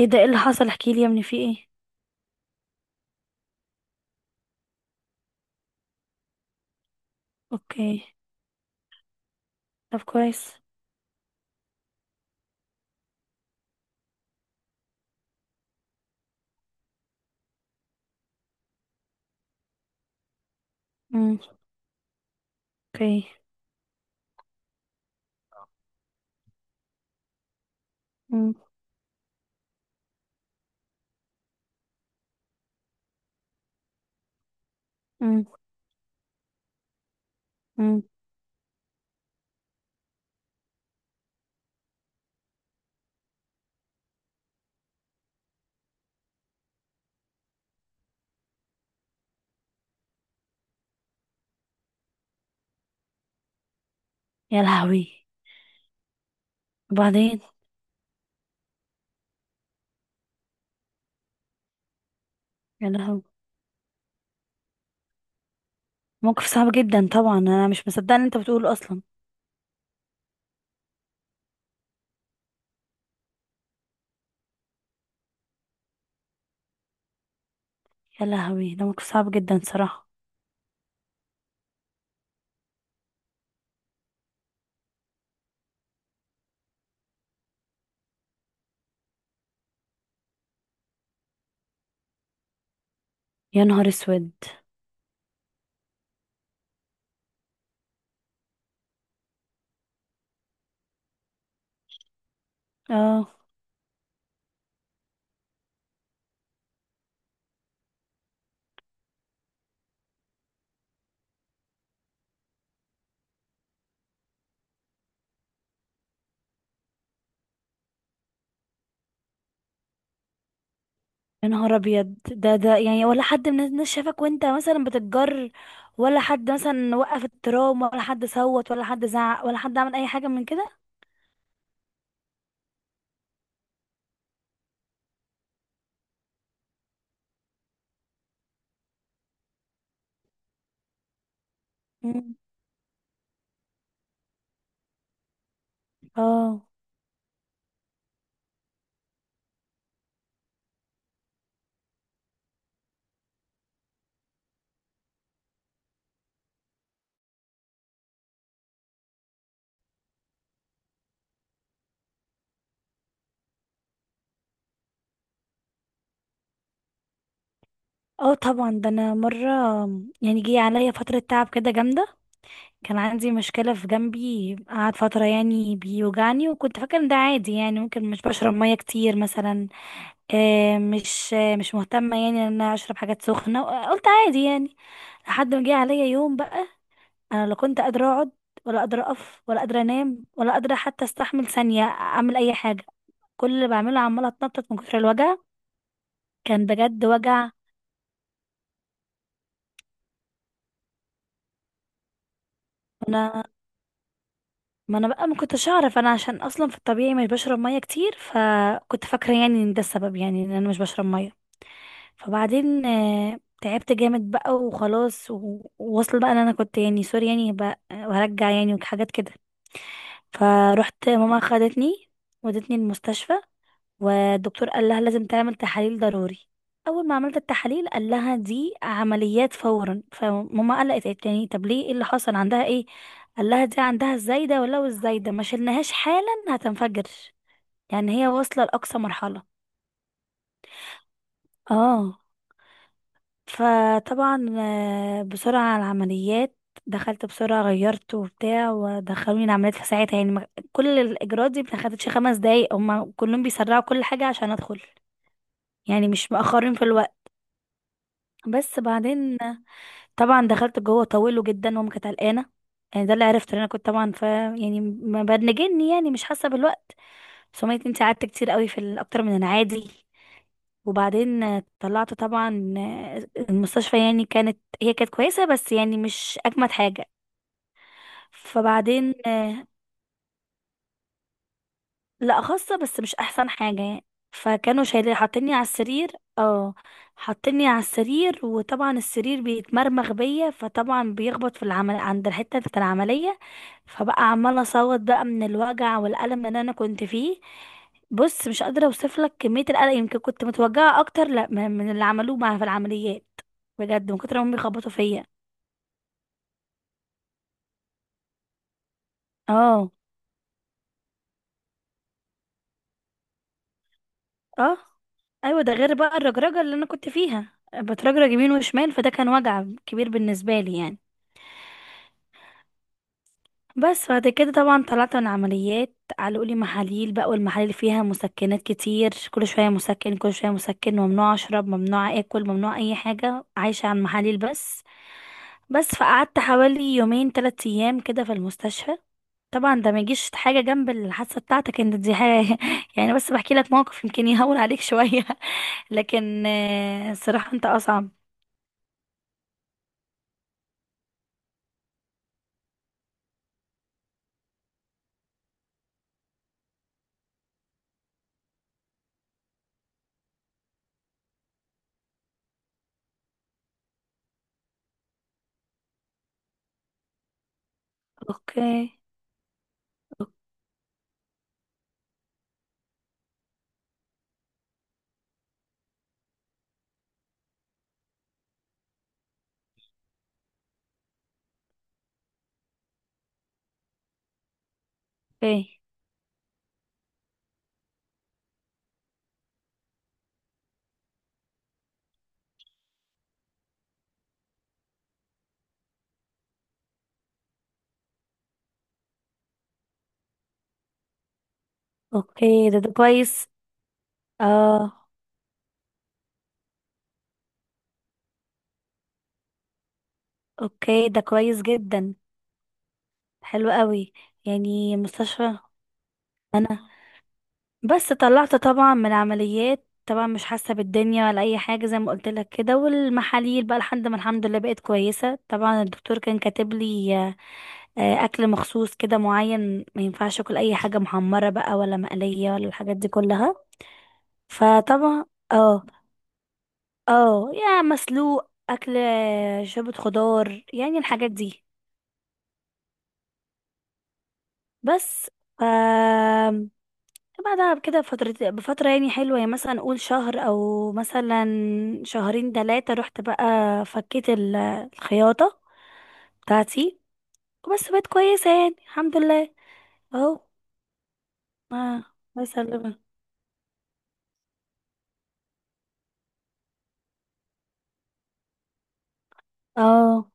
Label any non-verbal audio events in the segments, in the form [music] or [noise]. ايه ده؟ ايه اللي حصل؟ احكي لي يا ابني، في ايه؟ اوكي. طب كويس. امم. اوكي. امم. امم. امم. يا لهوي. وبعدين؟ يا لهوي، موقف صعب جدا طبعا. انا مش مصدقه ان انت بتقوله اصلا. يا لهوي، ده موقف صعب جدا صراحه. يا نهار اسود. اه. يا نهار ابيض! ده يعني ولا حد من الناس شافك وانت مثلا بتتجر؟ ولا حد مثلا وقف الترام، ولا حد صوت، ولا حد زعق، ولا حد عمل اي حاجه من كده؟ مم. اه. اه، طبعا. ده انا مره يعني جه عليا فتره تعب كده جامده. كان عندي مشكله في جنبي، قعد فتره يعني بيوجعني، وكنت فاكره ان ده عادي، يعني ممكن مش بشرب ميه كتير مثلا. مش مهتمه يعني ان انا اشرب حاجات سخنه، قلت عادي يعني. لحد ما جه عليا يوم بقى انا لا كنت قادره اقعد، ولا قادره اقف، ولا قادره انام، ولا قادره حتى استحمل ثانيه اعمل اي حاجه. كل اللي بعمله عماله اتنطط من كتر الوجع. كان بجد وجع. ما انا بقى ما كنتش اعرف، انا عشان اصلا في الطبيعي مش بشرب ميه كتير، فكنت فاكره يعني ان ده السبب، يعني ان انا مش بشرب ميه. فبعدين تعبت جامد بقى وخلاص ووصل بقى ان انا كنت يعني سوري يعني بقى وهرجع يعني وحاجات كده. فروحت ماما خدتني، ودتني المستشفى، والدكتور قال لها لازم تعمل تحاليل ضروري. اول ما عملت التحاليل قال لها دي عمليات فورا. فماما قلقت قالت يعني طب ليه؟ ايه اللي حصل؟ عندها ايه؟ قال لها دي عندها الزايده، ولو الزايده ما شلناهاش حالا هتنفجر، يعني هي واصله لاقصى مرحله. اه. فطبعا بسرعه على العمليات. دخلت بسرعه، غيرت وبتاع، ودخلوني العمليات في ساعتها، يعني كل الاجراءات دي ما خدتش 5 دقايق. هما كلهم بيسرعوا كل حاجه عشان ادخل، يعني مش مأخرين في الوقت. بس بعدين طبعا دخلت جوه طويله جدا. ماما كانت قلقانه، يعني ده اللي عرفته، لأن انا كنت طبعا يعني ما بنجني، يعني مش حاسه بالوقت. بس ماما قالت انت قعدت كتير قوي، اكتر من العادي. وبعدين طلعت طبعا. المستشفى يعني هي كانت كويسه، بس يعني مش اجمد حاجه. فبعدين، لا خاصة بس مش احسن حاجة يعني. فكانوا شايلين حاطيني على السرير. اه. حاطيني على السرير، وطبعا السرير بيتمرمغ بيا، فطبعا بيخبط في العمل عند الحتة بتاعت العملية، فبقى عمالة اصوت بقى من الوجع والألم اللي انا كنت فيه. بص، مش قادرة اوصفلك كمية القلق. يمكن كنت متوجعة اكتر، لا من اللي عملوه معايا في العمليات، بجد، من كتر ما هم بيخبطوا فيا. اه. اه. ايوه، ده غير بقى الرجرجه اللي انا كنت فيها، بترجرج يمين وشمال، فده كان وجع كبير بالنسبه لي يعني. بس بعد كده طبعا طلعت من عمليات، علقوا لي محاليل بقى، والمحاليل فيها مسكنات كتير، كل شويه مسكن، كل شويه مسكن، ممنوع اشرب، ممنوع اكل، ممنوع اي حاجه، عايشه على المحاليل بس. بس فقعدت حوالي يومين 3 ايام كده في المستشفى. طبعا ده ما يجيش حاجه جنب الحادثه بتاعتك انت، دي حاجه [laughs] يعني، بس بحكي لك موقف يمكن يهون عليك شويه. لكن الصراحة انت اصعب. اوكي. اوكي. اوكي، ده كويس. اه، اوكي، ده كويس جدا. حلو قوي. يعني مستشفى انا، بس طلعت طبعا من عمليات، طبعا مش حاسة بالدنيا ولا اي حاجة زي ما قلت لك كده، والمحاليل بقى لحد ما الحمد لله بقيت كويسة. طبعا الدكتور كان كاتب لي اكل مخصوص كده معين، ما ينفعش اكل اي حاجة محمرة بقى ولا مقلية ولا الحاجات دي كلها. فطبعا. اه. اه، يا مسلوق اكل، شوربة خضار، يعني الحاجات دي. بس. ف بعدها كده بفترة بفترة، يعني حلوة، يعني مثلا قول شهر او مثلا شهرين تلاتة، رحت بقى فكيت الخياطة بتاعتي، وبس بقت كويسة يعني الحمد لله. اهو. ما ما سلمة. اه.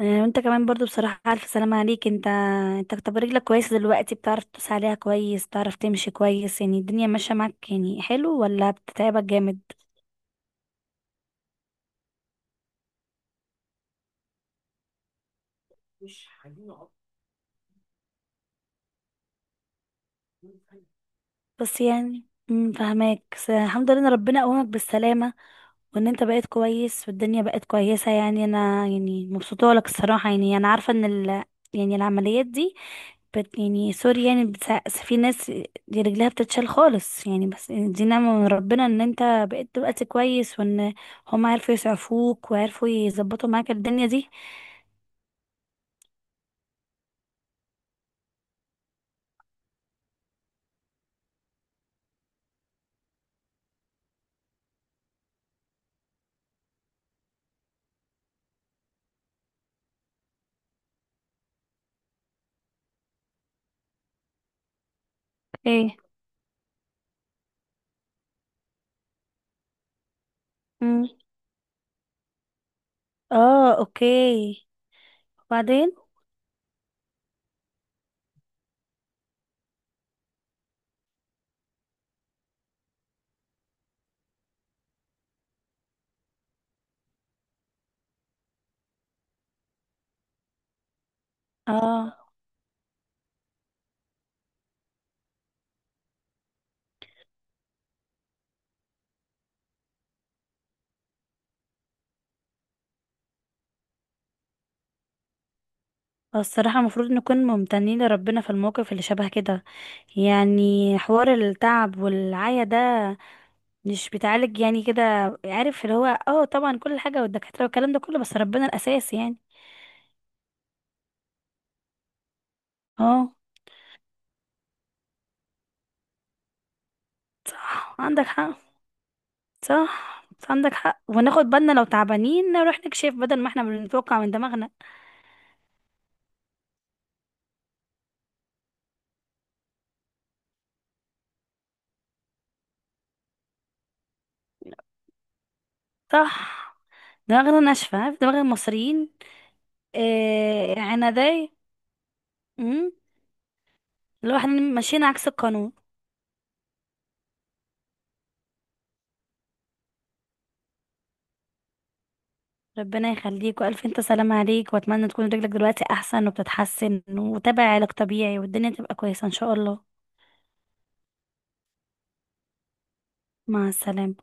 وانت كمان برضو بصراحة ألف سلامة عليك انت. انت طب رجلك كويس دلوقتي؟ بتعرف تدوس عليها كويس؟ بتعرف تمشي كويس؟ يعني الدنيا ماشية معاك، يعني حلو ولا بتتعبك جامد؟ بس يعني فهماك. بس الحمد لله ان ربنا قومك بالسلامة، وان انت بقيت كويس والدنيا بقت كويسة. يعني انا، يعني مبسوطة لك الصراحة. يعني انا عارفة ان يعني العمليات دي، يعني سوري يعني في ناس دي رجلها بتتشال خالص يعني، بس دي نعمة من ربنا ان انت بقيت دلوقتي كويس، وان هم عرفوا يسعفوك وعرفوا يظبطوا معاك الدنيا دي. ايه. مم. اه، اوكي. وبعدين. اه. الصراحة المفروض نكون ممتنين لربنا في المواقف اللي شبه كده. يعني حوار التعب والعيا ده مش بيتعالج يعني كده. عارف، اللي هو طبعا كل حاجة والدكاترة والكلام ده كله، بس ربنا الأساس يعني. اه، صح، عندك حق. صح، عندك حق، وناخد بالنا، لو تعبانين نروح نكشف بدل ما احنا بنتوقع من دماغنا. صح. دماغنا ناشفة، عارف دماغ المصريين. آه، عنادية. مم. اللي هو احنا ماشيين عكس القانون. ربنا يخليك، والف انت سلام عليك، واتمنى تكون رجلك دلوقتي احسن وبتتحسن وتابع علاج طبيعي والدنيا تبقى كويسة ان شاء الله. مع السلامة.